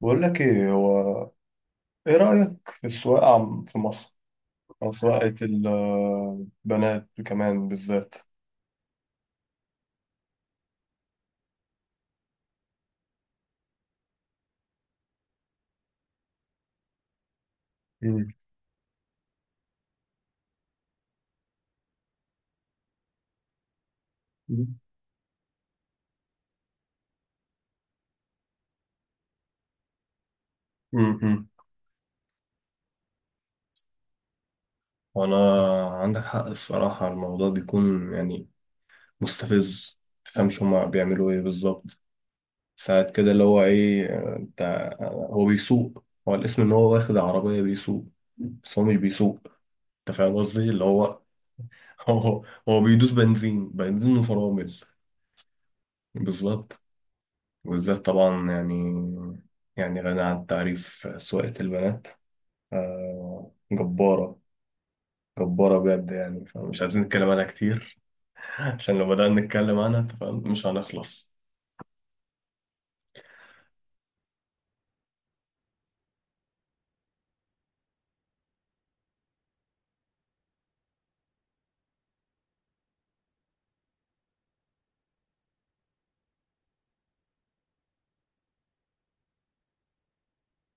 بقول لك ايه، هو ايه رأيك في السواقة عم في مصر، او سواقة البنات كمان بالذات؟ مم. امم وانا عندك حق الصراحة، الموضوع بيكون يعني مستفز، متفهمش هما بيعملوا ايه بالظبط. ساعات كده اللي هو ايه، انت، هو بيسوق، هو الاسم ان هو واخد عربية بيسوق، بس هو مش بيسوق. انت فاهم قصدي، اللي هو هو بيدوس بنزين، بنزين وفرامل. بالظبط. وبالذات طبعا يعني غني عن التعريف سواقة البنات. جبارة، جبارة بجد يعني، فمش عايزين نتكلم عنها كتير. عشان لو بدأنا نتكلم عنها، انت فاهم، مش هنخلص.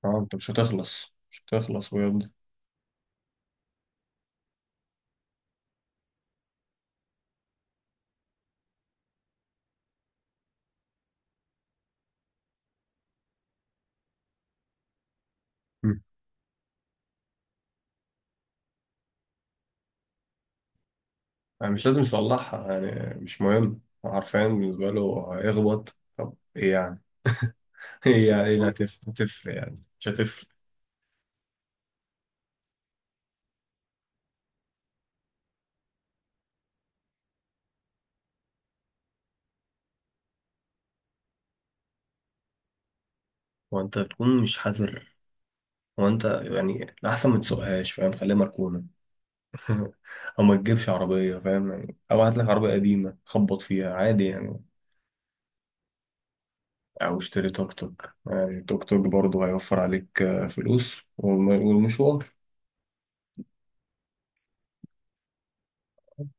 اه، انت مش هتخلص، مش هتخلص بجد. مم. يعني مش لازم يصلحها، يعني مش مهم. عارفين، بالنسبة له هيخبط، طب ايه يعني؟ ايه يعني، ايه اللي هتفرق؟ يعني مش هتفرق. وانت تكون مش حذر، وانت يعني الأحسن ما تسوقهاش، فاهم، خليها مركونة. او ما تجيبش عربيه، فاهم يعني، او هات لك عربيه قديمه خبط فيها عادي يعني. او اشتري توك توك يعني، توك توك برضه هيوفر عليك فلوس والمشوار.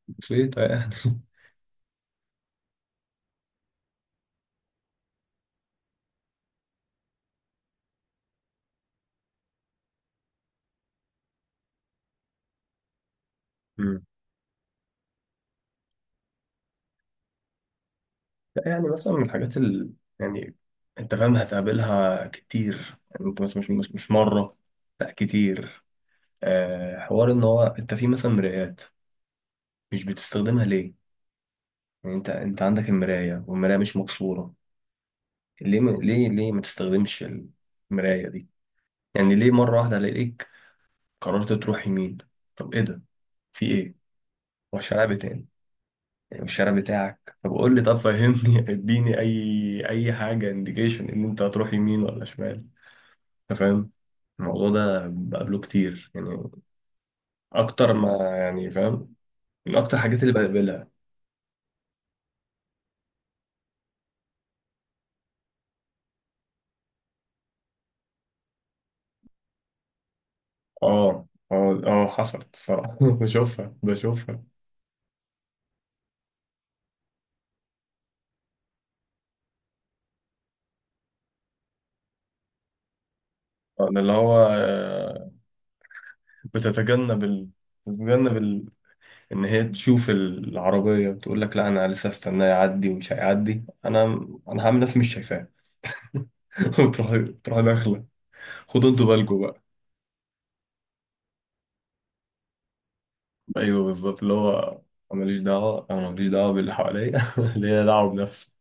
بسيطه يعني. مم. لا يعني، مثلا من الحاجات يعني انت فاهم، هتقابلها كتير يعني، انت مش مرة، لا كتير. حوار ان هو، انت في مثلا مرايات، مش بتستخدمها ليه؟ يعني انت عندك المراية، والمراية مش مكسورة. ليه ما تستخدمش المراية دي؟ يعني ليه مرة واحدة الاقيك قررت تروح يمين؟ طب ايه ده؟ في ايه؟ والشارع بتاعي، يعني والشارع بتاعك، طب قول لي، طب فهمني. اديني اي حاجة، انديكيشن ان انت هتروح يمين ولا شمال. انت فاهم، الموضوع ده بقابله كتير يعني، اكتر ما يعني فاهم، من اكتر الحاجات اللي بقابلها. اه، اه، اه، حصلت الصراحة. بشوفها، بشوفها. أنا اللي هو بتتجنب بتتجنب ان هي تشوف العربيه، وتقول لك لا انا لسه استناه يعدي ومش هيعدي، انا هعمل نفسي مش شايفاه. وتروح، تروح داخله. خدوا انتوا بالكم بقى. ايوه بالظبط، اللي هو انا ماليش دعوه، انا ماليش دعوه باللي حواليا. ليا دعوه بنفسي.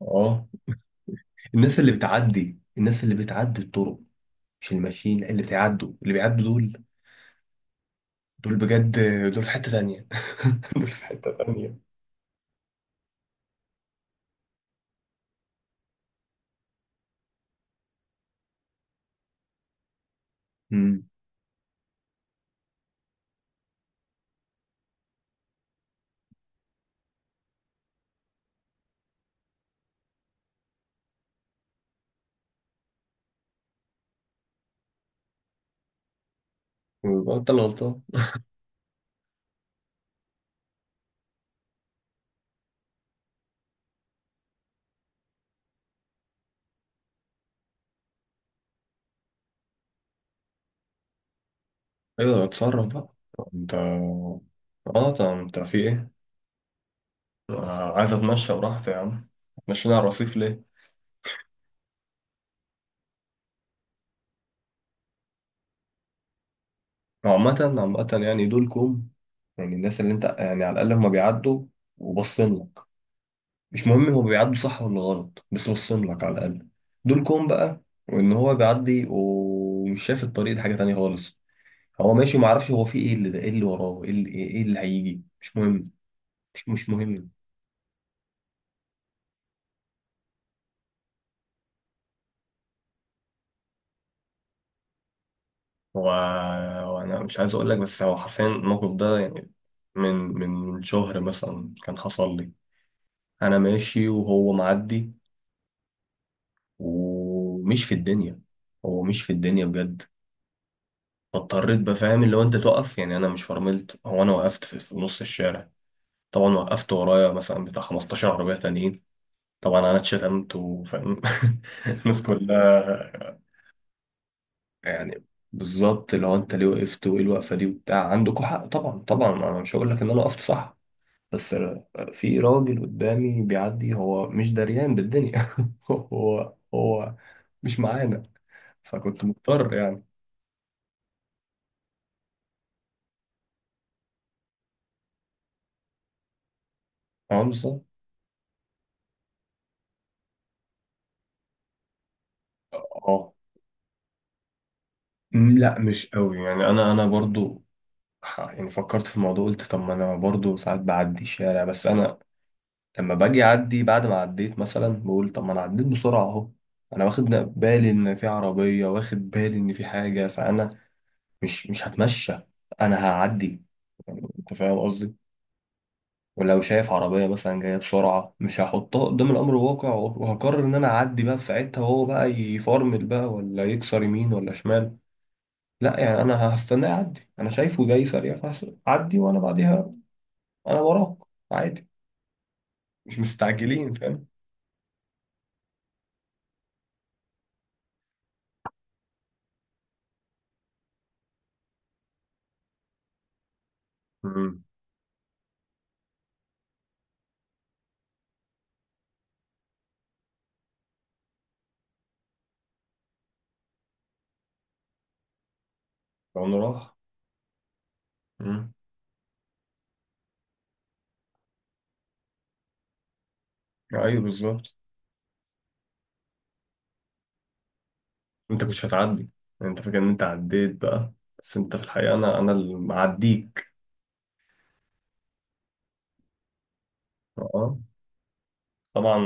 اه الناس اللي بتعدي، الناس اللي بتعدي الطرق، مش اللي ماشيين، لا، اللي بيعدوا دول بجد، دول في حته تانيه. دول في حته تانيه. امم ويبقى انت اللي غلطان. ايوه، اتصرف بقى انت. اه طب انت في ايه؟ عايز اتمشى براحتي يا عم، مشينا على الرصيف ليه؟ عامة، عامة يعني دولكم، يعني الناس اللي انت يعني، على الأقل هما بيعدوا وبصين لك. مش مهم هو بيعدوا صح ولا غلط، بس بصين لك على الأقل، دولكم بقى. وإن هو بيعدي ومش شايف الطريق، دي حاجة تانية خالص. هو ماشي ومعرفش، هو في ايه، اللي ده ايه، اللي وراه ايه، اللي هيجي، مش مهم. مش مهم. هو هو انا مش عايز اقول لك، بس هو حرفيا الموقف ده يعني من شهر مثلا كان حصل لي. انا ماشي وهو معدي ومش في الدنيا، هو مش في الدنيا بجد. فاضطريت، بفهم اللي هو انت تقف، يعني انا مش فرملت، هو انا وقفت في نص الشارع. طبعا وقفت ورايا مثلا بتاع 15 عربية تانيين. طبعا انا اتشتمت وفاهم. الناس كلها يعني، بالظبط اللي هو انت ليه وقفت، وايه الوقفة دي وبتاع. عندكوا حق طبعا، طبعا انا مش هقول لك ان انا وقفت صح. بس في راجل قدامي بيعدي، هو مش دريان بالدنيا. هو مش معانا، فكنت مضطر يعني. عنصر. اه، لا مش قوي يعني، انا برضو، يعني فكرت في الموضوع، قلت طب ما انا برضو ساعات بعدي الشارع، بس انا لما باجي اعدي بعد ما عديت مثلا بقول، طب ما انا عديت بسرعة اهو، انا واخد بالي ان في عربية، واخد بالي ان في حاجة، فانا مش هتمشى، انا هعدي. يعني انت فاهم قصدي، ولو شايف عربية مثلا جاية بسرعة، مش هحطها قدام الأمر الواقع وهقرر إن أنا أعدي بقى في ساعتها، وهو بقى يفرمل بقى ولا يكسر يمين ولا شمال. لا يعني، أنا هستناه يعدي، أنا شايفه جاي سريع فأعدي وأنا بعديها، أنا وراك، عادي، مش مستعجلين، فاهم. امم لو أنا راح. امم، أيوه بالظبط. أنت مش هتعدي، أنت فاكر إن أنت عديت بقى، بس أنت في الحقيقة أنا اللي معديك. أه طبعا.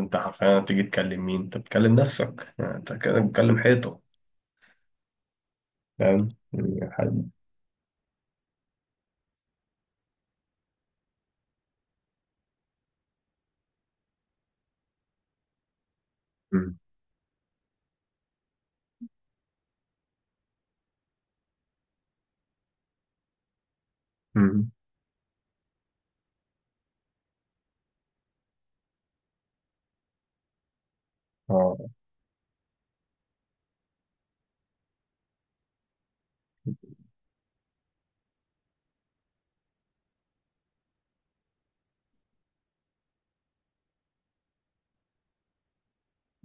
أنت حرفيا هتيجي تكلم مين؟ أنت بتكلم نفسك، يعني أنت كده بتكلم حيطة. فاهم يعني حد؟ مم. مم. اه،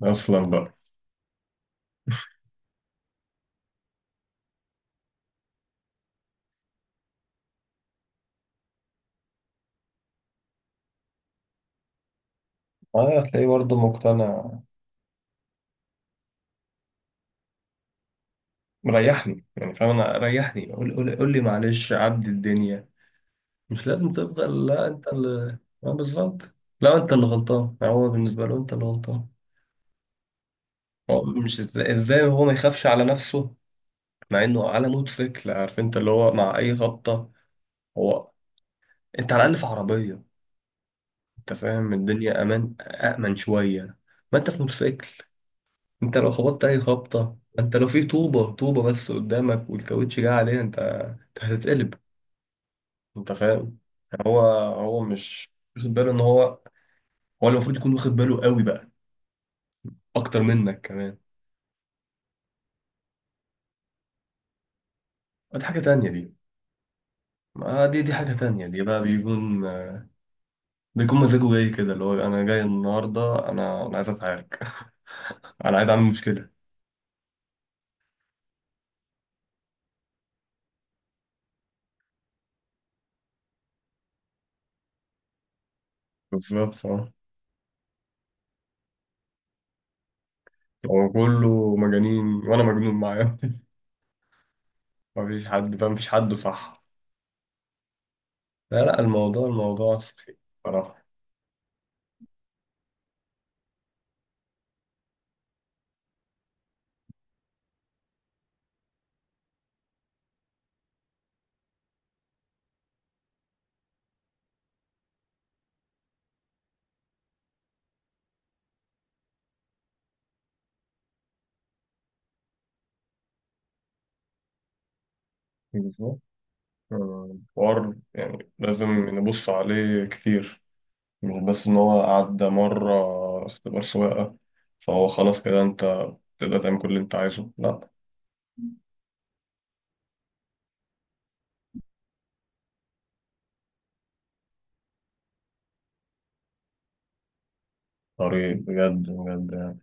اصلا بقى. اه، هتلاقيه برضه مقتنع. مريحني يعني فاهم، انا ريحني، قول، قول، قول لي معلش عدي الدنيا، مش لازم تفضل لا انت اللي، اه بالظبط، لا انت اللي غلطان. يعني هو بالنسبه له انت اللي غلطان. هو مش ازاي هو ما يخافش على نفسه؟ مع انه على موتوسيكل، عارف، انت اللي هو مع اي خبطه، هو انت على الاقل في عربيه، انت فاهم، الدنيا امان، امن شويه. ما انت في موتوسيكل، انت لو خبطت اي خبطه، انت لو في طوبه، طوبه بس قدامك والكاوتش جه عليها، انت هتتقلب. انت فاهم، يعني هو مش واخد باله ان هو، هو اللي المفروض يكون واخد باله قوي بقى، اكتر منك كمان. دي حاجه تانية دي، ما دي حاجه تانية دي بقى، بيكون مزاجه جاي كده، اللي هو انا جاي النهارده، انا عايز اتعارك. انا عايز اعمل مشكله. بالظبط. اه، هو كله مجانين وانا مجنون معاهم. مفيش حد فاهم، مفيش حد صح. لا، لا، الموضوع، الموضوع سخيف بصراحه. بالظبط. حوار يعني لازم نبص عليه كتير، مش بس إن هو عدى مرة اختبار سواقة، فهو خلاص كده أنت تقدر تعمل كل اللي أنت عايزه؟ لأ. طريق، بجد، بجد.